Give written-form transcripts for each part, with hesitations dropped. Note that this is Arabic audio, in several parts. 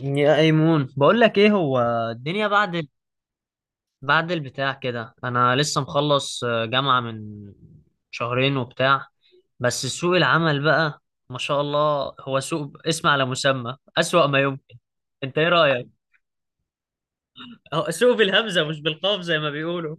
يا ايمون، بقول لك ايه هو الدنيا. بعد البتاع كده انا لسه مخلص جامعة من شهرين وبتاع. بس سوق العمل بقى ما شاء الله، هو سوق اسم على مسمى، اسوأ ما يمكن. انت ايه رأيك؟ هو سوق بالهمزة مش بالقاف زي ما بيقولوا.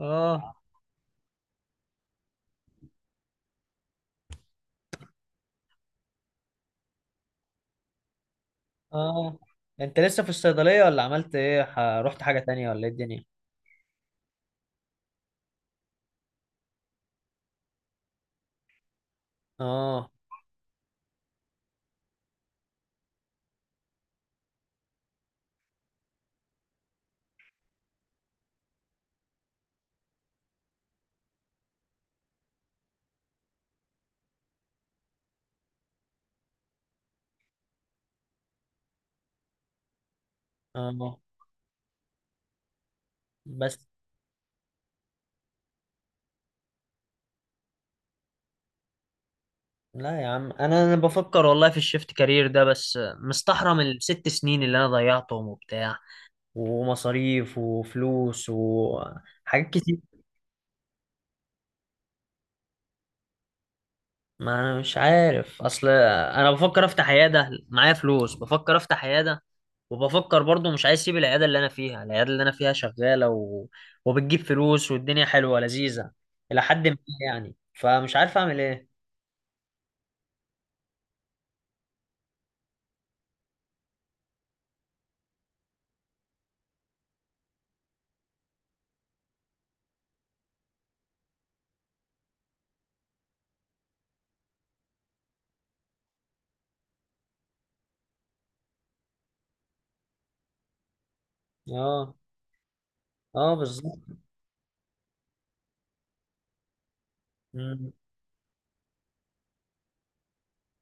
اه، اه. انت لسه في الصيدلية ولا عملت ايه؟ رحت حاجة تانية ولا ايه الدنيا؟ اه، اه، بس. لا يا عم، انا بفكر والله في الشيفت كارير ده، بس مستحرم الست سنين اللي انا ضيعتهم وبتاع، ومصاريف وفلوس وحاجات كتير. ما انا مش عارف، اصل انا بفكر افتح عياده، معايا فلوس بفكر افتح عياده. وبفكر برضو مش عايز اسيب العياده اللي انا فيها، العياده اللي انا فيها شغاله وبتجيب فلوس والدنيا حلوه لذيذه الى حد ما، يعني. فمش عارف اعمل ايه. اه، اه، بالظبط،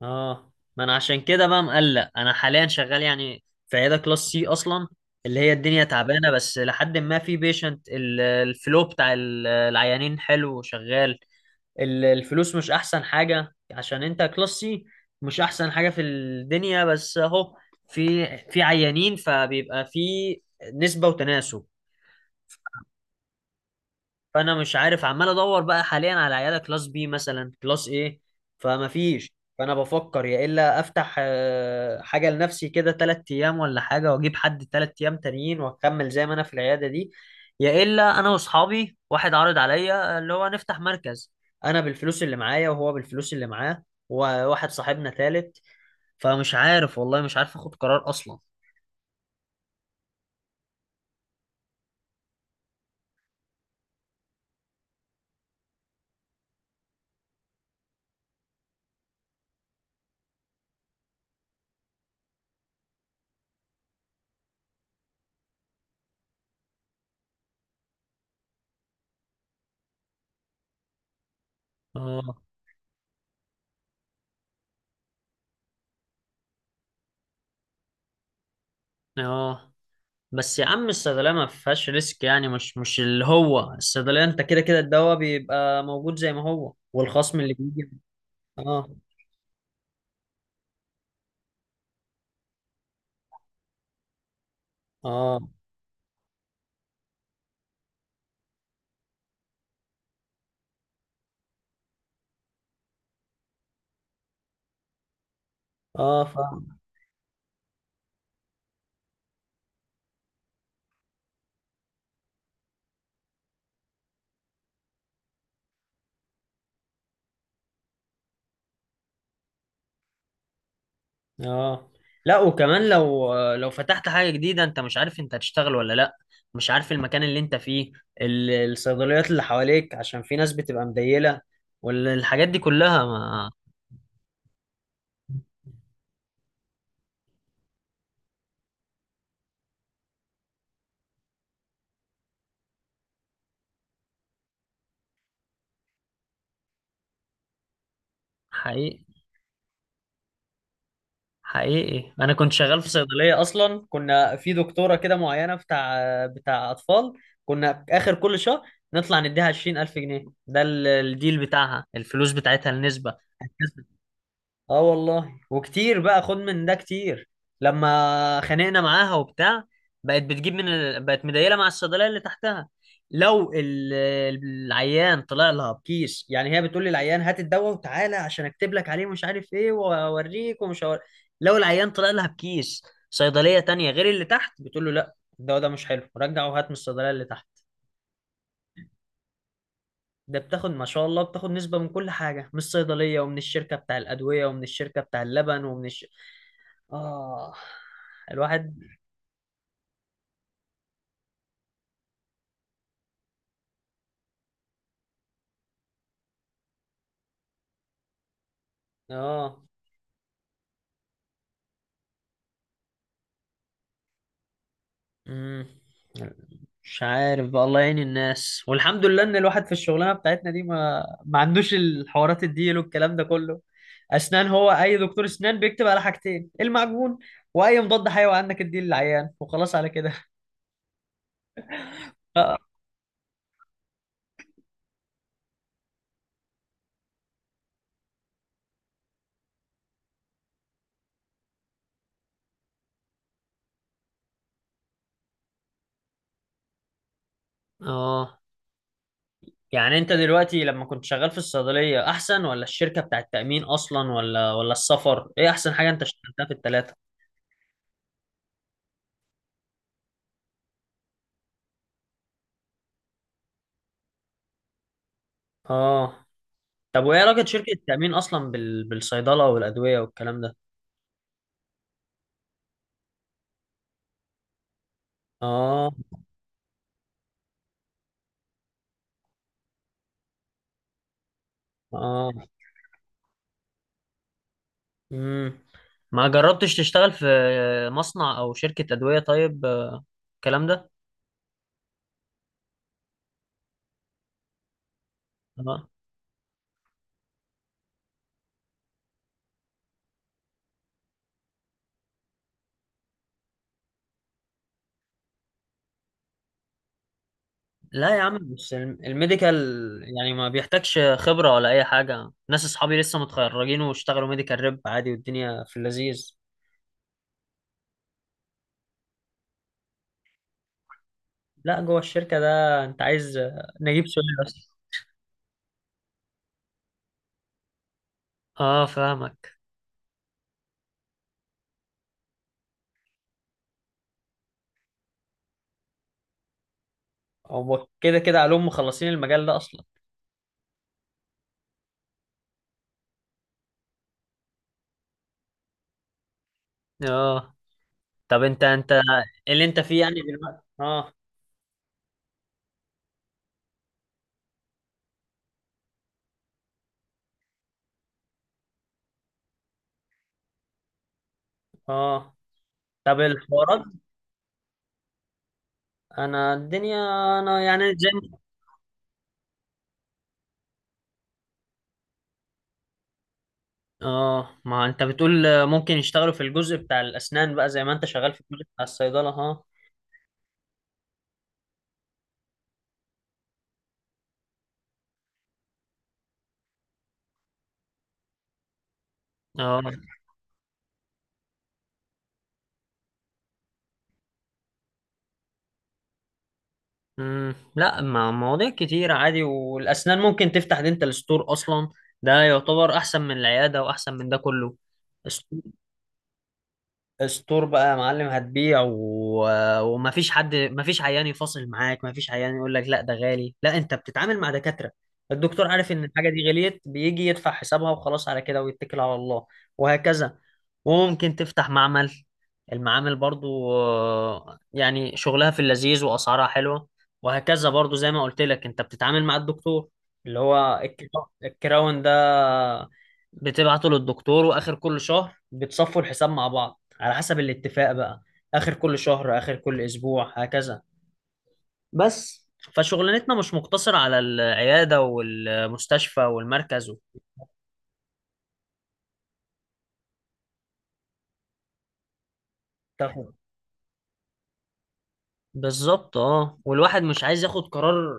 اه. ما انا عشان كده بقى مقلق، انا حاليا شغال يعني في عياده كلاس سي اصلا، اللي هي الدنيا تعبانه، بس لحد ما في بيشنت الفلو بتاع العيانين حلو وشغال. الفلوس مش احسن حاجه، عشان انت كلاس سي مش احسن حاجه في الدنيا، بس اهو في عيانين، فبيبقى في نسبه وتناسب. فانا مش عارف، عمال ادور بقى حاليا على عياده كلاس بي مثلا، كلاس ايه. فما فيش، فانا بفكر يا الا افتح حاجه لنفسي كده، تلات ايام، ولا حاجه واجيب حد تلات ايام تانيين واكمل زي ما انا في العياده دي. يا الا انا واصحابي، واحد عرض عليا اللي هو نفتح مركز، انا بالفلوس اللي معايا وهو بالفلوس اللي معاه، وواحد صاحبنا تالت. فمش عارف والله، مش عارف اخد قرار اصلا. اه، اه. بس يا عم، الصيدلية ما فيهاش ريسك يعني، مش اللي هو الصيدلية انت كده كده الدواء بيبقى موجود زي ما هو، والخصم اللي بيجي. اه، اه، اه فاهم، اه. لا وكمان لو فتحت حاجة جديدة، انت مش عارف انت هتشتغل ولا لا، مش عارف المكان اللي انت فيه، الصيدليات اللي حواليك، عشان في ناس بتبقى مديلة والحاجات دي كلها، ما... حقيقي، حقيقي انا كنت شغال في صيدليه اصلا، كنا في دكتوره كده معينه، بتاع اطفال، كنا اخر كل شهر نطلع نديها 20,000 جنيه، ده الديل بتاعها، الفلوس بتاعتها، النسبه. اه والله، وكتير بقى خد من ده، كتير لما خانقنا معاها وبتاع. بقت بتجيب بقت مديله مع الصيدليه اللي تحتها، لو ال... العيان طلع لها بكيس، يعني هي بتقول للعيان هات الدواء وتعالى عشان اكتب لك عليه مش عارف ايه، واوريك، لو العيان طلع لها بكيس صيدليه تانية غير اللي تحت، بتقول له لا، الدواء ده مش حلو، رجع وهات من الصيدليه اللي تحت. ده بتاخد ما شاء الله، بتاخد نسبة من كل حاجة، من الصيدلية ومن الشركة بتاع الأدوية ومن الشركة بتاع اللبن آه الواحد، آه. مم. مش عارف بقى، الله يعين الناس، والحمد لله إن الواحد في الشغلانة بتاعتنا دي ما عندوش الحوارات الديل والكلام ده كله. أسنان، هو أي دكتور أسنان بيكتب على حاجتين: المعجون وأي مضاد حيوي، عندك الديل العيان، وخلاص على كده. آه. يعني انت دلوقتي لما كنت شغال في الصيدلية احسن، ولا الشركة بتاع التأمين اصلا، ولا السفر؟ ايه احسن حاجة انت اشتغلتها في التلاتة؟ اه. طب وايه علاقة شركة التأمين اصلا بالصيدلة والأدوية والكلام ده؟ اه، اه، امم ما جربتش تشتغل في مصنع او شركة أدوية طيب، الكلام ده؟ اه. لا يا عم، بس الميديكال يعني ما بيحتاجش خبرة ولا اي حاجة، ناس اصحابي لسه متخرجين واشتغلوا ميديكال ريب عادي والدنيا في اللذيذ. لا، جوه الشركة ده أنت عايز نجيب سوري بس. اه فاهمك. هو كده كده علوم مخلصين المجال ده أصلا. اه. طب انت اللي انت فيه يعني دلوقتي؟ اه، اه. طب الحوارات، أنا الدنيا، أنا يعني زي اه. ما أنت بتقول ممكن يشتغلوا في الجزء بتاع الأسنان بقى زي ما أنت شغال في الجزء بتاع الصيدلة، ها؟ اه، لا، مع مواضيع كتير عادي. والاسنان ممكن تفتح دينتال ستور اصلا، ده يعتبر احسن من العياده واحسن من ده كله. ستور بقى يا معلم، هتبيع ومفيش حد، مفيش عيان يفاصل معاك، مفيش عيان يقول لك لا ده غالي، لا انت بتتعامل مع دكاترة. الدكتور عارف ان الحاجة دي غليت، بيجي يدفع حسابها وخلاص على كده ويتكل على الله. وهكذا. وممكن تفتح معمل، المعامل برضو يعني شغلها في اللذيذ واسعارها حلوة. وهكذا، برضو زي ما قلت لك، انت بتتعامل مع الدكتور، اللي هو الكراون ده بتبعته للدكتور، واخر كل شهر بتصفوا الحساب مع بعض، على حسب الاتفاق بقى، اخر كل شهر، اخر كل اسبوع، هكذا. بس. فشغلانتنا مش مقتصرة على العيادة والمستشفى والمركز تاخد، بالظبط، اه. والواحد مش عايز ياخد قرار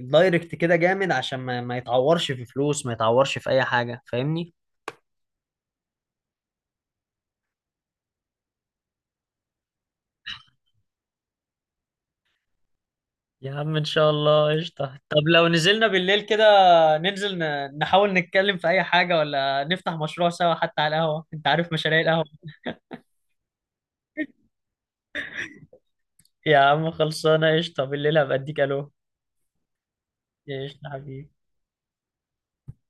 دايركت كده جامد، عشان ما يتعورش في فلوس، ما يتعورش في اي حاجة، فاهمني. يا عم ان شاء الله، قشطة. طب لو نزلنا بالليل كده، ننزل، نحاول نتكلم في اي حاجة، ولا نفتح مشروع سوا، حتى على القهوة. انت عارف مشاريع القهوة. يا عم خلصانة، قشطة، بالليل هبقى اديك الو. ايش يا حبيبي.